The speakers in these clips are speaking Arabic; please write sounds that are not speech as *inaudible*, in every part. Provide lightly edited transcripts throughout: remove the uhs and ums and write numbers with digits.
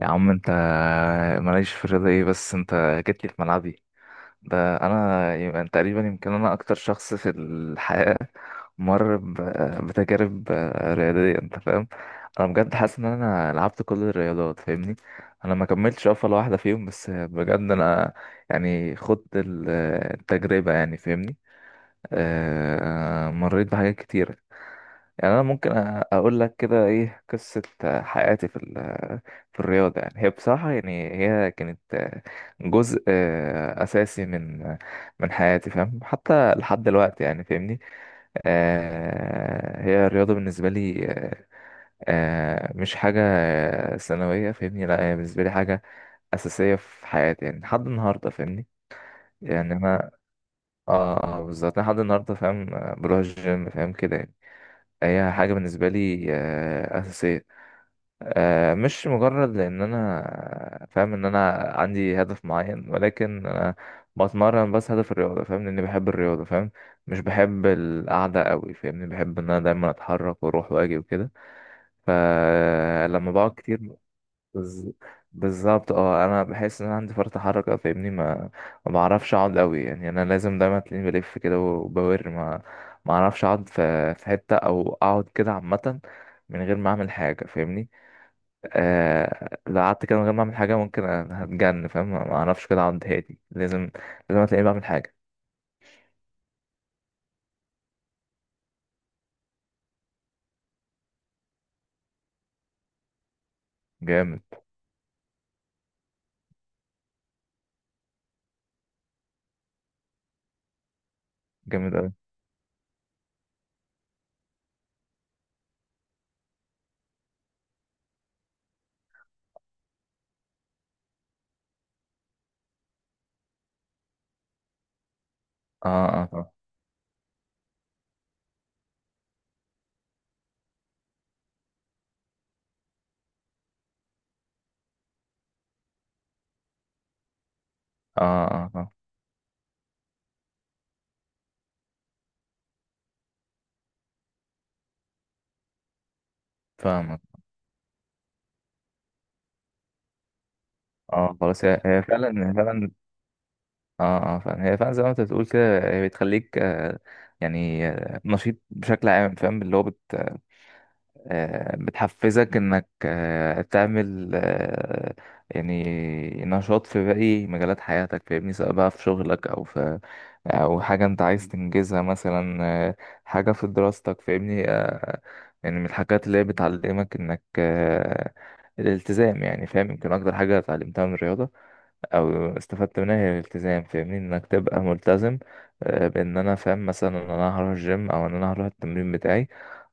يا عم انت، ماليش في الرياضة ايه؟ بس انت جيت لي في ملعبي. ده انا يبقى تقريبا يمكن انا اكتر شخص في الحياة مر بتجارب رياضية، انت فاهم. انا بجد حاسس ان انا لعبت كل الرياضات، فاهمني. انا ما كملتش ولا واحدة فيهم، بس بجد انا يعني خدت التجربة، يعني فاهمني. مريت بحاجات كتير. يعني انا ممكن اقول لك كده ايه قصه حياتي في الرياضه. يعني هي بصراحه، يعني هي كانت جزء اساسي من حياتي، فاهم، حتى لحد دلوقتي يعني فاهمني. هي الرياضه بالنسبه لي مش حاجه ثانويه، فاهمني. لا، هي بالنسبه لي حاجه اساسيه في حياتي، يعني لحد النهارده، فاهمني. يعني انا بالظبط، أنا لحد النهارده فاهم، بروح الجيم، فاهم كده يعني. هي حاجة بالنسبة لي أساسية، مش مجرد لأن أنا فاهم إن أنا عندي هدف معين، ولكن أنا بتمرن بس هدف الرياضة، فاهم، إني بحب الرياضة، فاهم. مش بحب القعدة قوي، فاهمني. بحب إن أنا دايما أتحرك وأروح وأجي وكده. فلما بقعد كتير بز- بالظبط، انا بحس ان انا عندي فرط حركه، فاهمني. ما بعرفش اقعد قوي، يعني انا لازم دايما تلاقيني بلف كده وبور. ما اعرفش اقعد في حته او اقعد كده عامه من غير ما اعمل حاجه، فاهمني. لو قعدت كده من غير ما اعمل حاجه ممكن أنا هتجن، فاهم. ما اعرفش كده اقعد هادي، لازم تلاقيني بعمل حاجه. جامد. جامد قوي. اه. اه، اه. اه. اه، آه. فاهمك. اه، خلاص، هي فعلا فعلا. اه، اه، فعلا، هي فعلا زي ما انت بتقول كده. هي بتخليك يعني نشيط بشكل عام، فاهم، اللي هو بت آه، بتحفزك انك تعمل يعني نشاط في باقي مجالات حياتك، فاهمني، سواء بقى في شغلك او حاجة انت عايز تنجزها، مثلا آه، حاجة في دراستك، فاهمني. يعني من الحاجات اللي هي بتعلمك انك الالتزام، يعني فاهم. يمكن اكتر حاجة اتعلمتها من الرياضة او استفدت منها هي الالتزام، فاهمني، انك تبقى ملتزم بان انا فاهم مثلا ان انا هروح الجيم، او ان انا هروح التمرين بتاعي،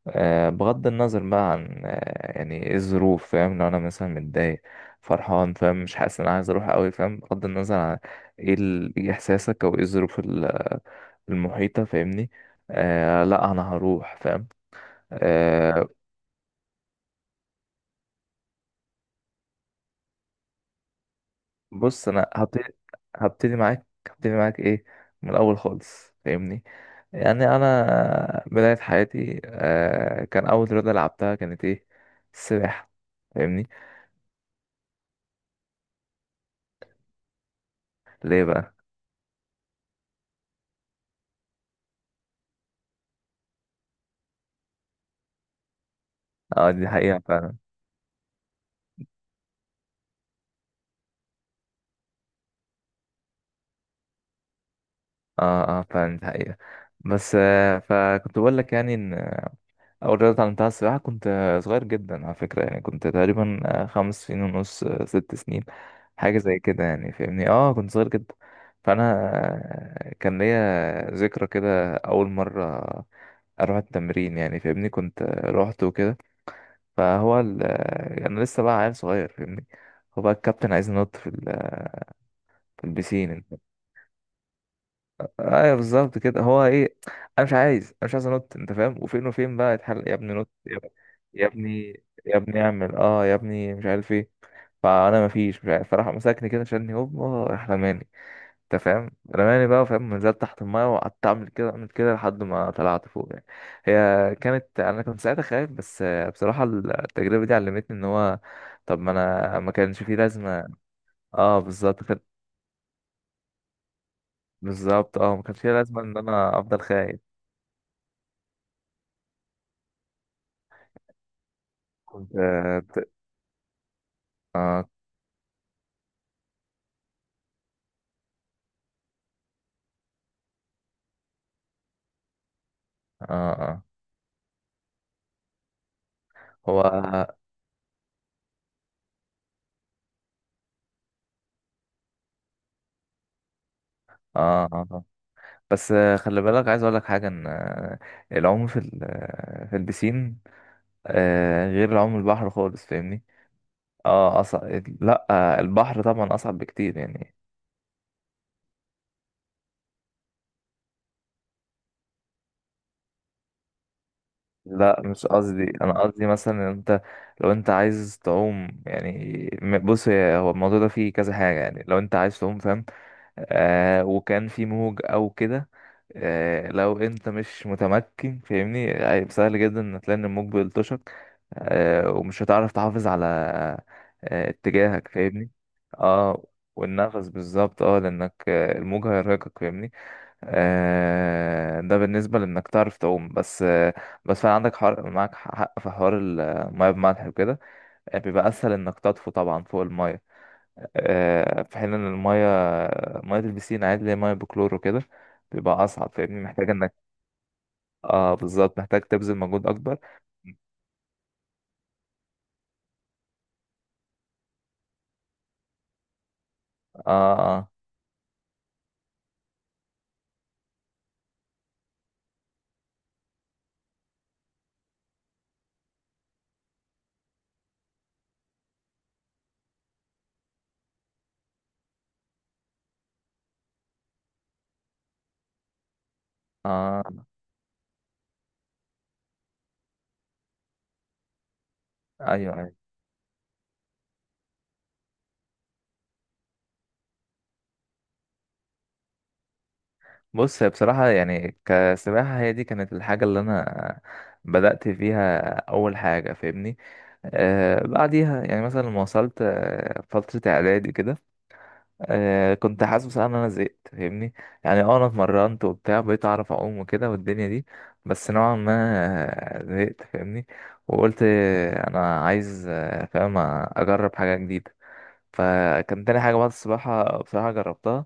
بغض النظر بقى عن يعني ايه الظروف، فاهم، لو انا مثلا متضايق، فرحان، فاهم، مش حاسس ان انا عايز اروح قوي، فاهم، بغض النظر عن ايه إيه احساسك او ايه الظروف المحيطة، فاهمني. لا، انا هروح، فاهم. آه بص، انا هبتدي معاك ايه من الاول خالص، فاهمني. يعني انا بداية حياتي كان اول رياضة لعبتها كانت ايه؟ السباحة، فاهمني. ليه بقى؟ اه، دي حقيقة فعلا. اه، اه، فعلا، دي حقيقة. بس فكنت بقول لك يعني ان اول رياضة اتعلمتها السباحة. كنت صغير جدا على فكرة، يعني كنت تقريبا 5 سنين ونص، 6 سنين، حاجة زي كده يعني فاهمني. اه كنت صغير جدا. فانا كان ليا ذكرى كده اول مرة اروح التمرين، يعني فاهمني، كنت روحت وكده. فهو ال... انا لسه بقى عيل صغير، فاهمني. هو بقى الكابتن عايز ينط في البسين، انت. ايوه، بالظبط كده، هو ايه، انا مش عايز انط، انت فاهم، وفين بقى يتحل، يا ابني نط، يا ابني، يا ابني، يا ابني اعمل يا ابني مش عارف ايه. فانا مفيش مش عارف، فراح مسكني كده، شالني هوب، راح رماني، انت فاهم، رماني بقى، فاهم، نزلت تحت المايه وقعدت اعمل كده اعمل كده لحد ما طلعت فوق يعني. هي كانت انا كنت ساعتها خايف، بس بصراحه التجربه دي علمتني ان هو، طب ما انا ما كانش فيه لازمه. اه بالظبط كانت- بالظبط، ما كانش فيه لازمه ان انا افضل خايف. كنت اه. اه. آه. هو اه. آه. بس خلي بالك، عايز اقول لك حاجه، ان العوم في البسين غير العوم البحر خالص، فاهمني. اه، اصعب. لا، البحر طبعا اصعب بكتير، يعني. لا، مش قصدي، انا قصدي مثلا ان انت، لو انت عايز تعوم، يعني بص، هو الموضوع ده فيه كذا حاجة، يعني لو انت عايز تعوم، فاهم، وكان في موج او كده، لو انت مش متمكن، فاهمني، هيبقى سهل جدا ان تلاقي ان الموج بيلطشك، ومش هتعرف تحافظ على اتجاهك، فاهمني. اه والنفس بالظبط، لانك الموج هيرهقك، فاهمني. ده بالنسبة لإنك تعرف تعوم. بس فعلا عندك معاك حق في حوار المية بملح وكده. بيبقى أسهل إنك تطفو طبعا فوق المية، في حين إن مية البسين عادي، اللي هي مية بكلور وكده، بيبقى أصعب، فاهمني، محتاج إنك اه بالظبط، محتاج تبذل مجهود أكبر. اه. اه. آه. أيوه، أيوه. بص، هي بصراحة يعني كسباحة، هي دي كانت الحاجة اللي أنا بدأت فيها أول حاجة، فاهمني. بعديها، يعني مثلا لما وصلت فترة إعدادي كده، كنت حاسس بصراحة إن أنا زهقت، فاهمني. يعني أنا اتمرنت وبتاع، بقيت أعرف أعوم وكده والدنيا دي، بس نوعا ما زهقت، فاهمني. وقلت أنا عايز، فاهم، أجرب حاجة جديدة. فكان تاني حاجة بعد السباحة بصراحة جربتها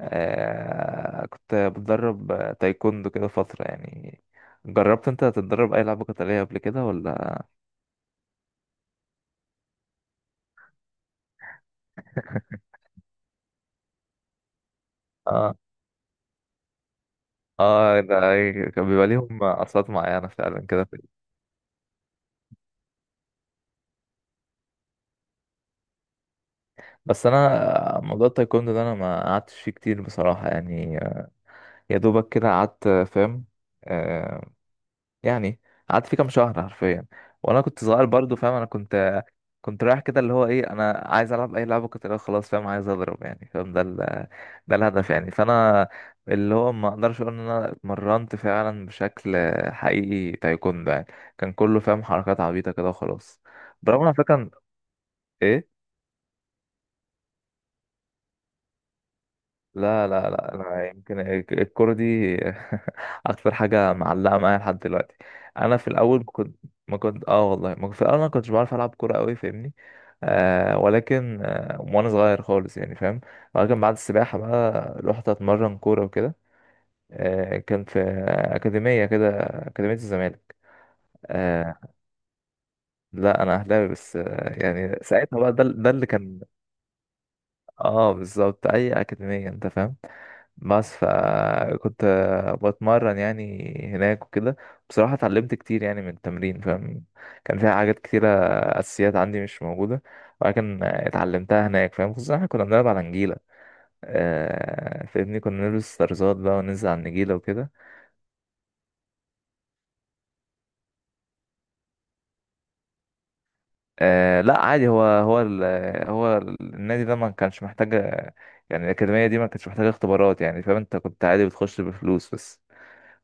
كنت بتدرب تايكوندو كده فترة، يعني جربت انت تتدرب اي لعبة قتالية قبل كده ولا؟ اه، اه، ده كان بيبقى ليهم اصوات معينة فعلا كده. بس انا موضوع التايكوندو ده انا ما قعدتش فيه كتير بصراحة، يعني يا دوبك كده قعدت، فاهم آه يعني قعدت فيه كام شهر حرفيا. وانا كنت صغير برضو، فاهم، انا كنت رايح كده، اللي هو ايه، انا عايز العب اي لعبه قتاليه، خلاص، فاهم، عايز اضرب يعني، فاهم، *laughs* ده الهدف يعني، فانا اللي هو ما اقدرش اقول ان انا اتمرنت فعلا بشكل حقيقي تايكوندو يعني، كان كله فاهم حركات عبيطه كده وخلاص. برغم على فكره، ايه، لا لا لا، انا يمكن الكوره دي *laughs* اكتر حاجه معلقه معايا لحد دلوقتي. انا في الاول كنت، ما كنت اه والله، ما كنت في الاول انا ما كنتش بعرف العب كوره قوي، فاهمني، ولكن وانا صغير خالص يعني فاهم، ولكن بعد السباحه بقى رحت اتمرن كوره وكده. كان في اكاديميه كده، اكاديميه الزمالك. آه لا، انا اهلاوي، بس يعني ساعتها بقى، ده اللي كان. اه، بالظبط، اي اكاديميه، انت فاهم، بس فكنت بتمرن يعني هناك وكده. بصراحة اتعلمت كتير يعني من التمرين، فاهم، كان فيها حاجات كتيرة أساسيات عندي مش موجودة، ولكن اتعلمتها هناك، فاهم، خصوصا احنا كنا بنلعب على نجيلة. فاهمني، كنا نلبس طرزات بقى وننزل على النجيلة وكده. لا، عادي، هو النادي ده ما كانش محتاج، يعني الأكاديمية دي ما كانتش محتاجة اختبارات، يعني فاهم، انت كنت عادي بتخش بفلوس بس.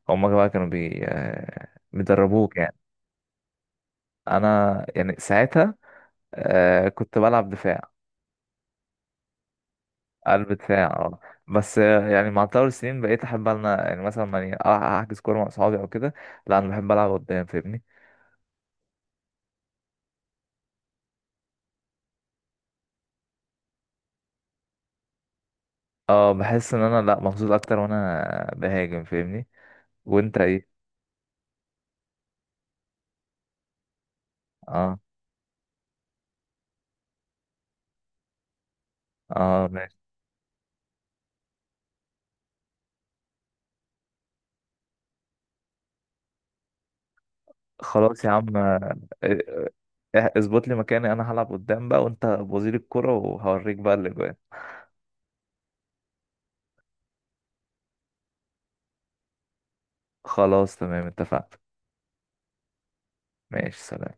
هما بقى كانوا بي آه، بيدربوك يعني. انا يعني ساعتها كنت بلعب دفاع. قلب دفاع. اه بس يعني مع تطور السنين بقيت احب انا، يعني مثلا ماني احجز كوره مع اصحابي او كده، لا، انا بحب العب قدام، فاهمني. اه، بحس ان انا، لا، مبسوط اكتر وانا بهاجم، فاهمني. وانت ايه؟ اه. اه، ماشي. خلاص يا عم، اظبط لي مكاني، انا هلعب قدام بقى، وانت وزير الكرة، وهوريك بقى الاجوان. خلاص تمام، اتفقنا. ماشي، سلام.